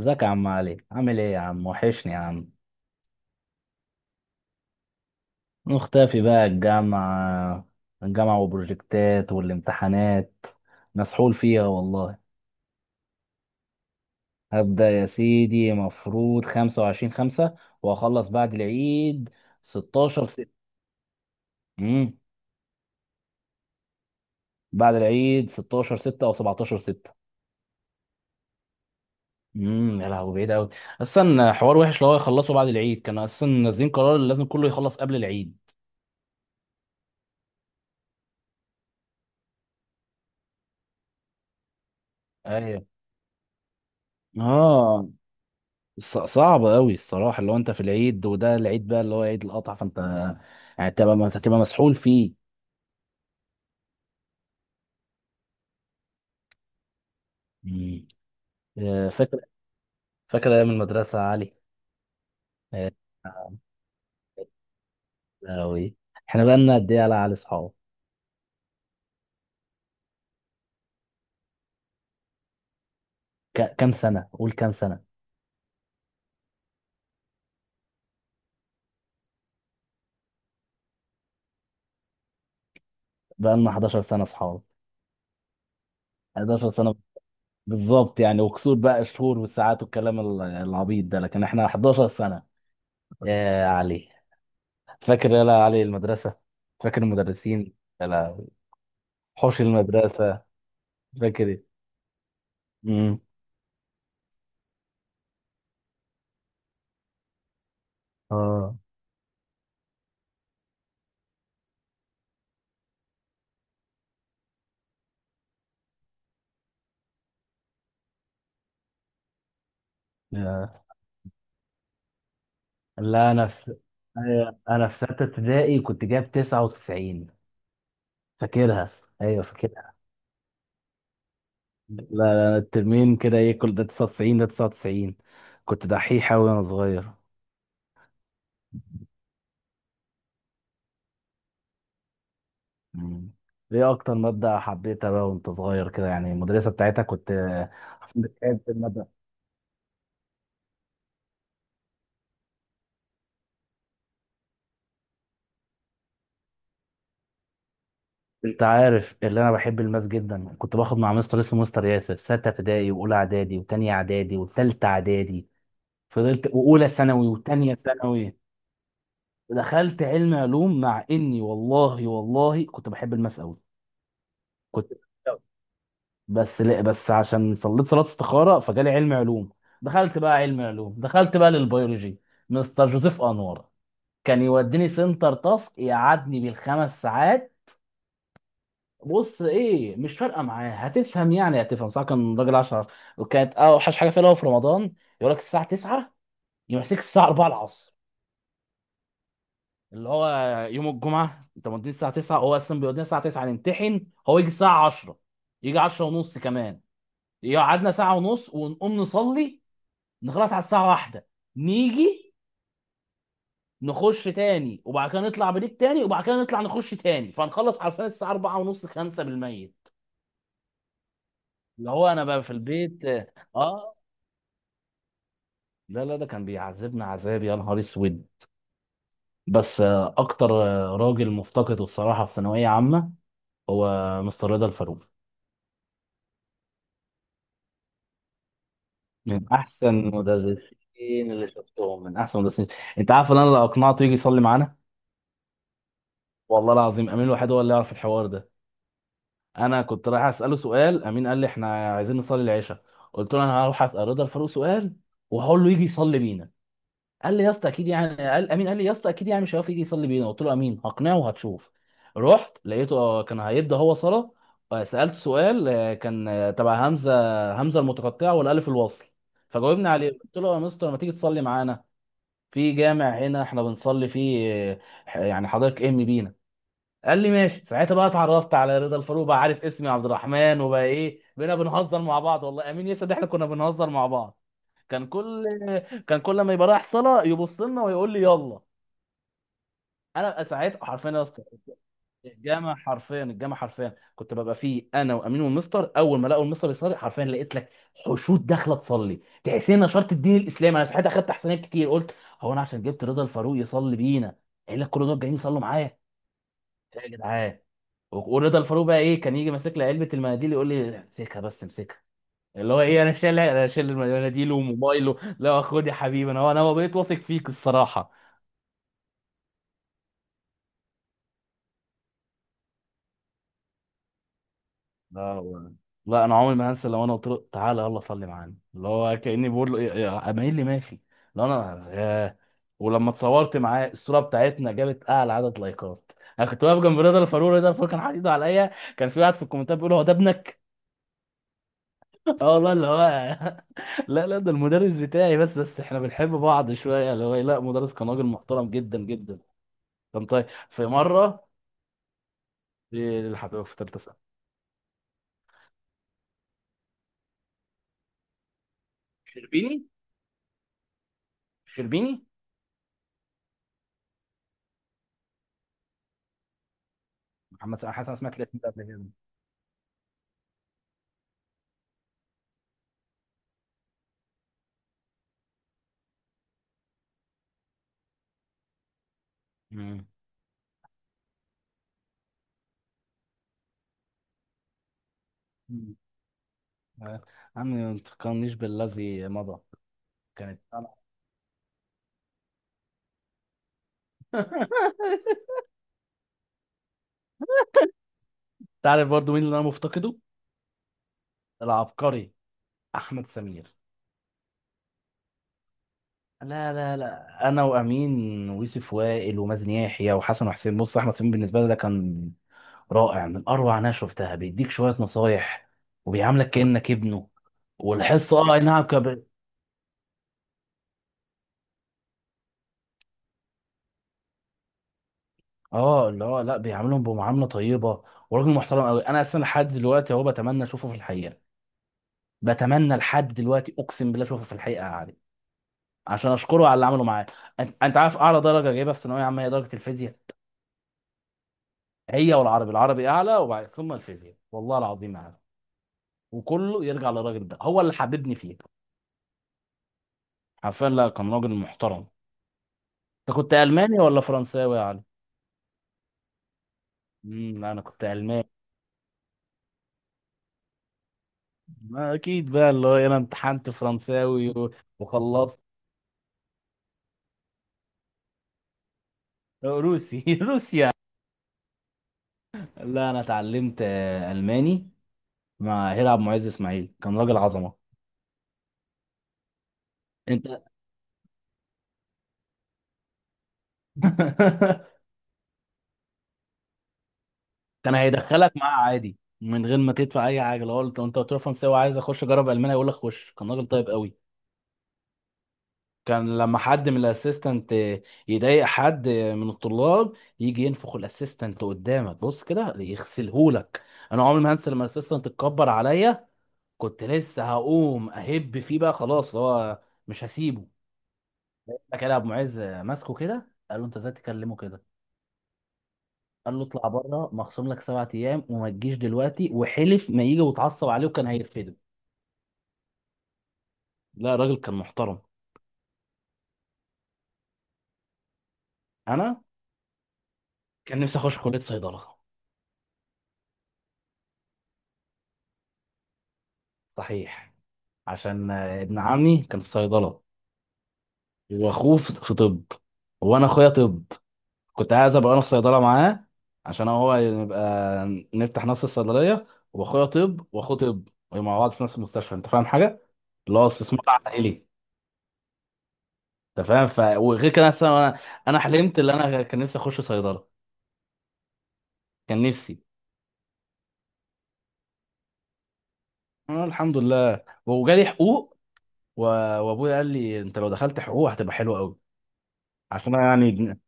ازيك يا عم علي؟ عامل ايه يا عم؟ وحشني يا عم. مختفي بقى. الجامعة وبروجكتات والامتحانات، مسحول فيها والله. هبدأ يا سيدي، مفروض خمسة وعشرين خمسة وأخلص بعد العيد، ستاشر ستة. امم. بعد العيد ستاشر ستة أو سبعتاشر ستة. يا لهوي، بعيد أوي. أصلا حوار وحش، لو هو يخلصوا بعد العيد، كانوا أصلا نازلين قرار اللي لازم كله يخلص قبل العيد. ايوه. اه. صعب قوي الصراحه، اللي هو انت في العيد وده العيد بقى اللي هو عيد القطع، فانت يعني تبقى ما تبقى مسحول فيه. مم. آه، فاكر فاكر ايام المدرسه يا علي. آه. أوي. احنا بقى لنا قد ايه على علي اصحاب؟ كام سنه؟ قول كام سنه. بقى لنا 11 سنه اصحاب، 11 سنه. بالظبط يعني، وكسور بقى الشهور والساعات والكلام العبيط ده، لكن احنا 11 سنه يا علي. فاكر يا علي المدرسه؟ فاكر المدرسين؟ يا لهوي. حوش المدرسه. فاكر إيه؟ مم. اه. يا. لا انا في... أيوة، انا في ستة ابتدائي كنت جايب 99. فاكرها. ايوه فاكرها. لا لا، الترمين كده ايه، كل ده 99، ده 99. كنت دحيح اوي وانا صغير. مم. ايه اكتر مادة حبيتها بقى وانت صغير كده، يعني المدرسة بتاعتها كنت... عشان بتحب المادة. انت عارف اللي انا بحب الماس جدا، كنت باخد مع مستر اسمه مستر ياسر ستة ابتدائي واولى اعدادي وتانية اعدادي وتالتة اعدادي. فضلت واولى ثانوي وتانية ثانوي. دخلت علم علوم مع اني والله والله كنت بحب الماس قوي. كنت... بس لا بس عشان صليت صلاة استخارة فجالي علم علوم. دخلت بقى علم علوم، دخلت بقى للبيولوجي. مستر جوزيف انور. كان يوديني سنتر تاسك، يقعدني بالخمس ساعات. بص ايه، مش فارقه معاه، هتفهم يعني هتفهم صح. كان راجل 10. وكانت اوحش حاجه فيها اللي هو في رمضان، يقول لك الساعه 9 يمسك الساعه 4 العصر. اللي هو يوم الجمعه انت موديني الساعه 9، هو اصلا بيودينا الساعه 9 نمتحن، هو يجي الساعه 10، يجي 10 ونص كمان. يقعدنا ساعه ونص ونقوم نصلي، نخلص على الساعه 1. نيجي نخش تاني، وبعد كده نطلع بريك تاني، وبعد كده نطلع نخش تاني، فنخلص عارفين الساعه 4 ونص 5 بالميت. اللي هو انا بقى في البيت. اه. لا لا، ده كان بيعذبنا عذاب يا نهار اسود. بس اكتر راجل مفتقده الصراحه في ثانويه عامه هو مستر رضا الفاروق. من احسن مدرسين اللي شفتهم، من احسن مدرسين. انت عارف ان انا لو اقنعته يجي يصلي معانا، والله العظيم امين الوحيد هو اللي يعرف الحوار ده. انا كنت رايح اساله سؤال، امين قال لي احنا عايزين نصلي العشاء. قلت له انا هروح اسال رضا الفاروق سؤال، وهقول له يجي يصلي بينا. قال لي يا اسطى اكيد يعني، قال امين قال لي يا اسطى اكيد يعني مش هيعرف يجي يصلي بينا. قلت له امين هقنعه وهتشوف. رحت لقيته، كان هيبدا هو صلاه. سالته سؤال، كان تبع همزه، همزه المتقطعه والالف الوصل. فجاوبني عليه، قلت له يا مستر، ما تيجي تصلي معانا في جامع هنا احنا بنصلي فيه، يعني حضرتك امي بينا. قال لي ماشي. ساعتها بقى اتعرفت على رضا الفاروق، بقى عارف اسمي عبد الرحمن، وبقى ايه، بقينا بنهزر مع بعض، والله امين يشهد احنا كنا بنهزر مع بعض. كان كل كان كل ما يبقى رايح صلاه يبص لنا ويقول لي يلا. انا بقى ساعتها حرفيا يا اسطى... الجامعة حرفيا الجامعة حرفيا، كنت ببقى فيه انا وامين والمستر، اول ما لقوا المستر يصلي، حرفيا لقيت لك حشود داخله تصلي، تحسين نشرت الدين الاسلامي. انا صحيت اخدت احسانات كتير، قلت هو انا عشان جبت رضا الفاروق يصلي بينا قال لك كل دول جايين يصلوا معايا؟ يا جدعان. ورضا الفاروق بقى ايه، كان يجي ماسك لي علبه المناديل، يقول لي امسكها بس امسكها. اللي هو ايه، انا شايل المناديل وموبايله، لا خد يا حبيبي، انا هو انا بقيت واثق فيك الصراحه. لا والله. لا انا عمري ما هنسى، لو انا قلت له تعالى يلا صلي معانا اللي هو كاني بقول له إيه، اميل لي ماشي. لو انا، ياه. ولما اتصورت معاه الصوره بتاعتنا، جابت اعلى عدد لايكات. انا كنت واقف جنب رضا الفاروق، رضا الفاروق كان حاطط ايده عليا. كان في واحد في الكومنتات بيقول هو ده ابنك؟ اه والله اللي هو... لا لا، ده المدرس بتاعي، بس احنا بنحب بعض شويه، اللي هو إيه، لا، مدرس كان راجل محترم جدا جدا. كان طيب في مره. في الحبيب في ثالثه ثانوي. شربيني، شربيني. محمد حسن، سمعت الاسم ده قبل كده. مم. مم. آه. عمي ما تفكرنيش بالذي مضى. كانت طبعا. تعرف برضو مين اللي انا مفتقده؟ العبقري، احمد سمير. لا لا لا، انا وامين ويوسف وائل ومازن يحيى وحسن وحسين. بص، احمد سمير بالنسبه لي ده كان رائع، من اروع ناس شفتها، بيديك شويه نصايح وبيعاملك كانك ابنه. والحصه اه أي نعم، اه اللي هو لا، بيعاملهم بمعامله طيبه، وراجل محترم قوي. انا اصلا لحد دلوقتي اهو بتمنى اشوفه في الحقيقه، بتمنى لحد دلوقتي، اقسم بالله، اشوفه في الحقيقه يا علي، عشان اشكره على اللي عمله معايا. انت عارف اعلى درجه جايبها في ثانويه عامه هي درجه الفيزياء؟ هي والعربي، العربي اعلى، وبعد ثم الفيزياء، والله العظيم اعلى. وكله يرجع للراجل ده، هو اللي حببني فيه. حرفيا، لا كان راجل محترم. انت كنت الماني ولا فرنساوي يا علي؟ لا انا كنت الماني. ما اكيد بقى، اللي هو انا امتحنت فرنساوي وخلصت. روسي روسيا. لا انا اتعلمت الماني مع هيرعب معز اسماعيل، كان راجل عظمه. انت... كان هيدخلك معاه عادي من غير ما تدفع اي حاجه، لو قلت، انت قلت له فرنساوي وعايز اخش اجرب المانيا، يقول لك خش، كان راجل طيب قوي. كان لما حد من الاسيستنت يضايق حد من الطلاب، يجي ينفخ الاسيستنت قدامك، بص كده يغسلهولك. انا عمري ما هنسى لما الاسيستنت اتكبر عليا، كنت لسه هقوم اهب فيه بقى، خلاص هو مش هسيبه. كده ابو معز ماسكه كده، قال له انت ازاي تكلمه كده؟ قال له اطلع بره، مخصوم لك سبعة ايام وما تجيش دلوقتي، وحلف ما يجي، وتعصب عليه، وكان هيرفده. لا راجل كان محترم. انا كان نفسي اخش كليه صيدله. صحيح، عشان ابن عمي كان في صيدله، واخوه في طب، وانا اخويا طب، كنت عايز ابقى انا في صيدله معاه، عشان هو يبقى نفتح نفس الصيدليه، واخويا طب واخوه طب ومع بعض في نفس المستشفى، انت فاهم حاجه؟ اللي هو استثمار عائلي. انت فاهم؟ ف وغير كده أصلاً انا... انا حلمت اللي انا كان نفسي اخش صيدله، كان نفسي. أنا الحمد لله وجالي حقوق. و... وابويا قال لي انت لو دخلت حقوق هتبقى حلوه قوي، عشان انا يعني...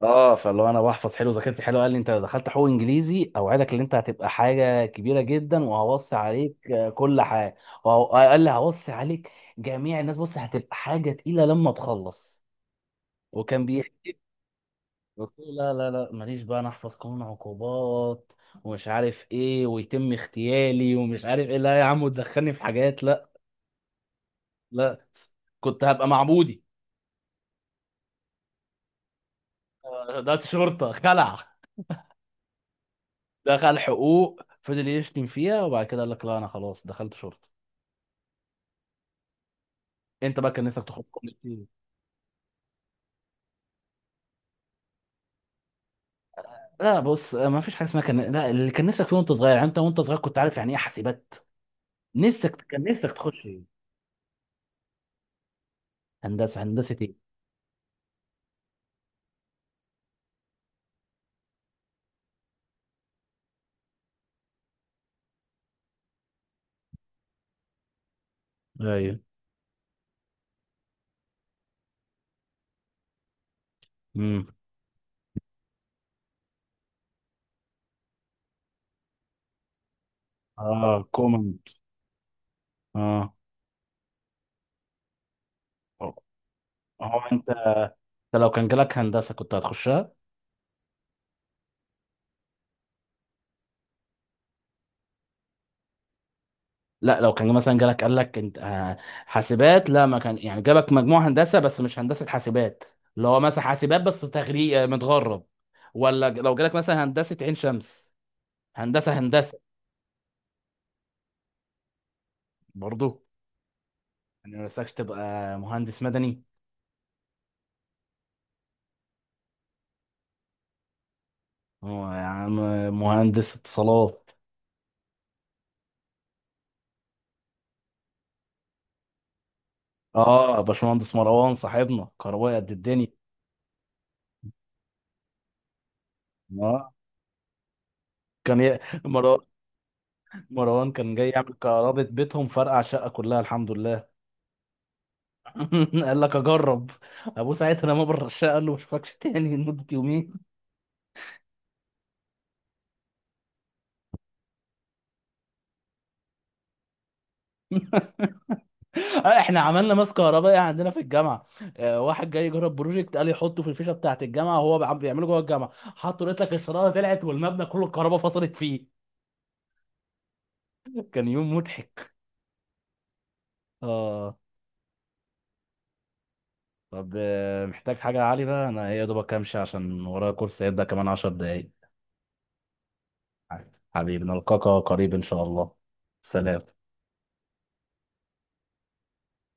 اه، فاللي هو انا بحفظ حلو وذاكرتي حلو. قال لي انت لو دخلت حقوق انجليزي اوعدك ان انت هتبقى حاجه كبيره جدا، وهوصي عليك كل حاجه. قال لي هوصي عليك جميع الناس، بص هتبقى حاجه تقيله لما تخلص. وكان بيحكي. قلت له لا لا لا، ماليش بقى انا احفظ قانون عقوبات ومش عارف ايه ويتم اغتيالي ومش عارف ايه، لا يا عم، وتدخلني في حاجات، لا. لا، كنت هبقى معبودي. ده شرطه خلع. دخل حقوق فضل يشتم فيها وبعد كده قال لك لا انا خلاص دخلت شرطه. انت بقى كان نفسك تخرج كليه ايه؟ لا بص، ما فيش حاجه اسمها كان، لا اللي كان نفسك فيه وانت صغير، يعني انت وانت صغير كنت عارف يعني ايه حاسبات؟ نفسك كان نفسك تخش ايه؟ هندسه، هندسه ايه؟ ايوه. امم. اه كومنت. اه. هو انت، انت لو كان جالك هندسه كنت هتخشها؟ لا لو كان مثلا جالك قال لك انت حاسبات، لا، ما كان يعني جابك مجموع هندسه بس مش هندسه حاسبات، اللي هو مثلا حاسبات بس تغريق متغرب، ولا لو جالك مثلا هندسه عين شمس، هندسه هندسه. برضه. يعني ما نفسكش تبقى مهندس مدني؟ هو يا عم، مهندس اتصالات. اه باشمهندس مروان صاحبنا كهربائي قد الدنيا. اه. كان ي... مروان مروان كان جاي يعمل كهرباء بيتهم، فرقع شقه كلها الحمد لله. قال لك اجرب. ابوه ساعتها لما بره الشقه قال له ما اشوفكش تاني لمده يومين. احنا عملنا ماس كهربائي عندنا في الجامعه، واحد جاي يجرب بروجكت، قال يحطه في الفيشه بتاعه الجامعه وهو بيعمله جوه الجامعه، حطه لقيت لك الشراره طلعت والمبنى كله الكهرباء فصلت فيه. كان يوم مضحك. اه. طب محتاج حاجه يا علي؟ بقى انا يا دوبك امشي عشان ورايا كورس هيبدا كمان 10 دقايق. حبيبي نلقاك قريب ان شاء الله. سلام.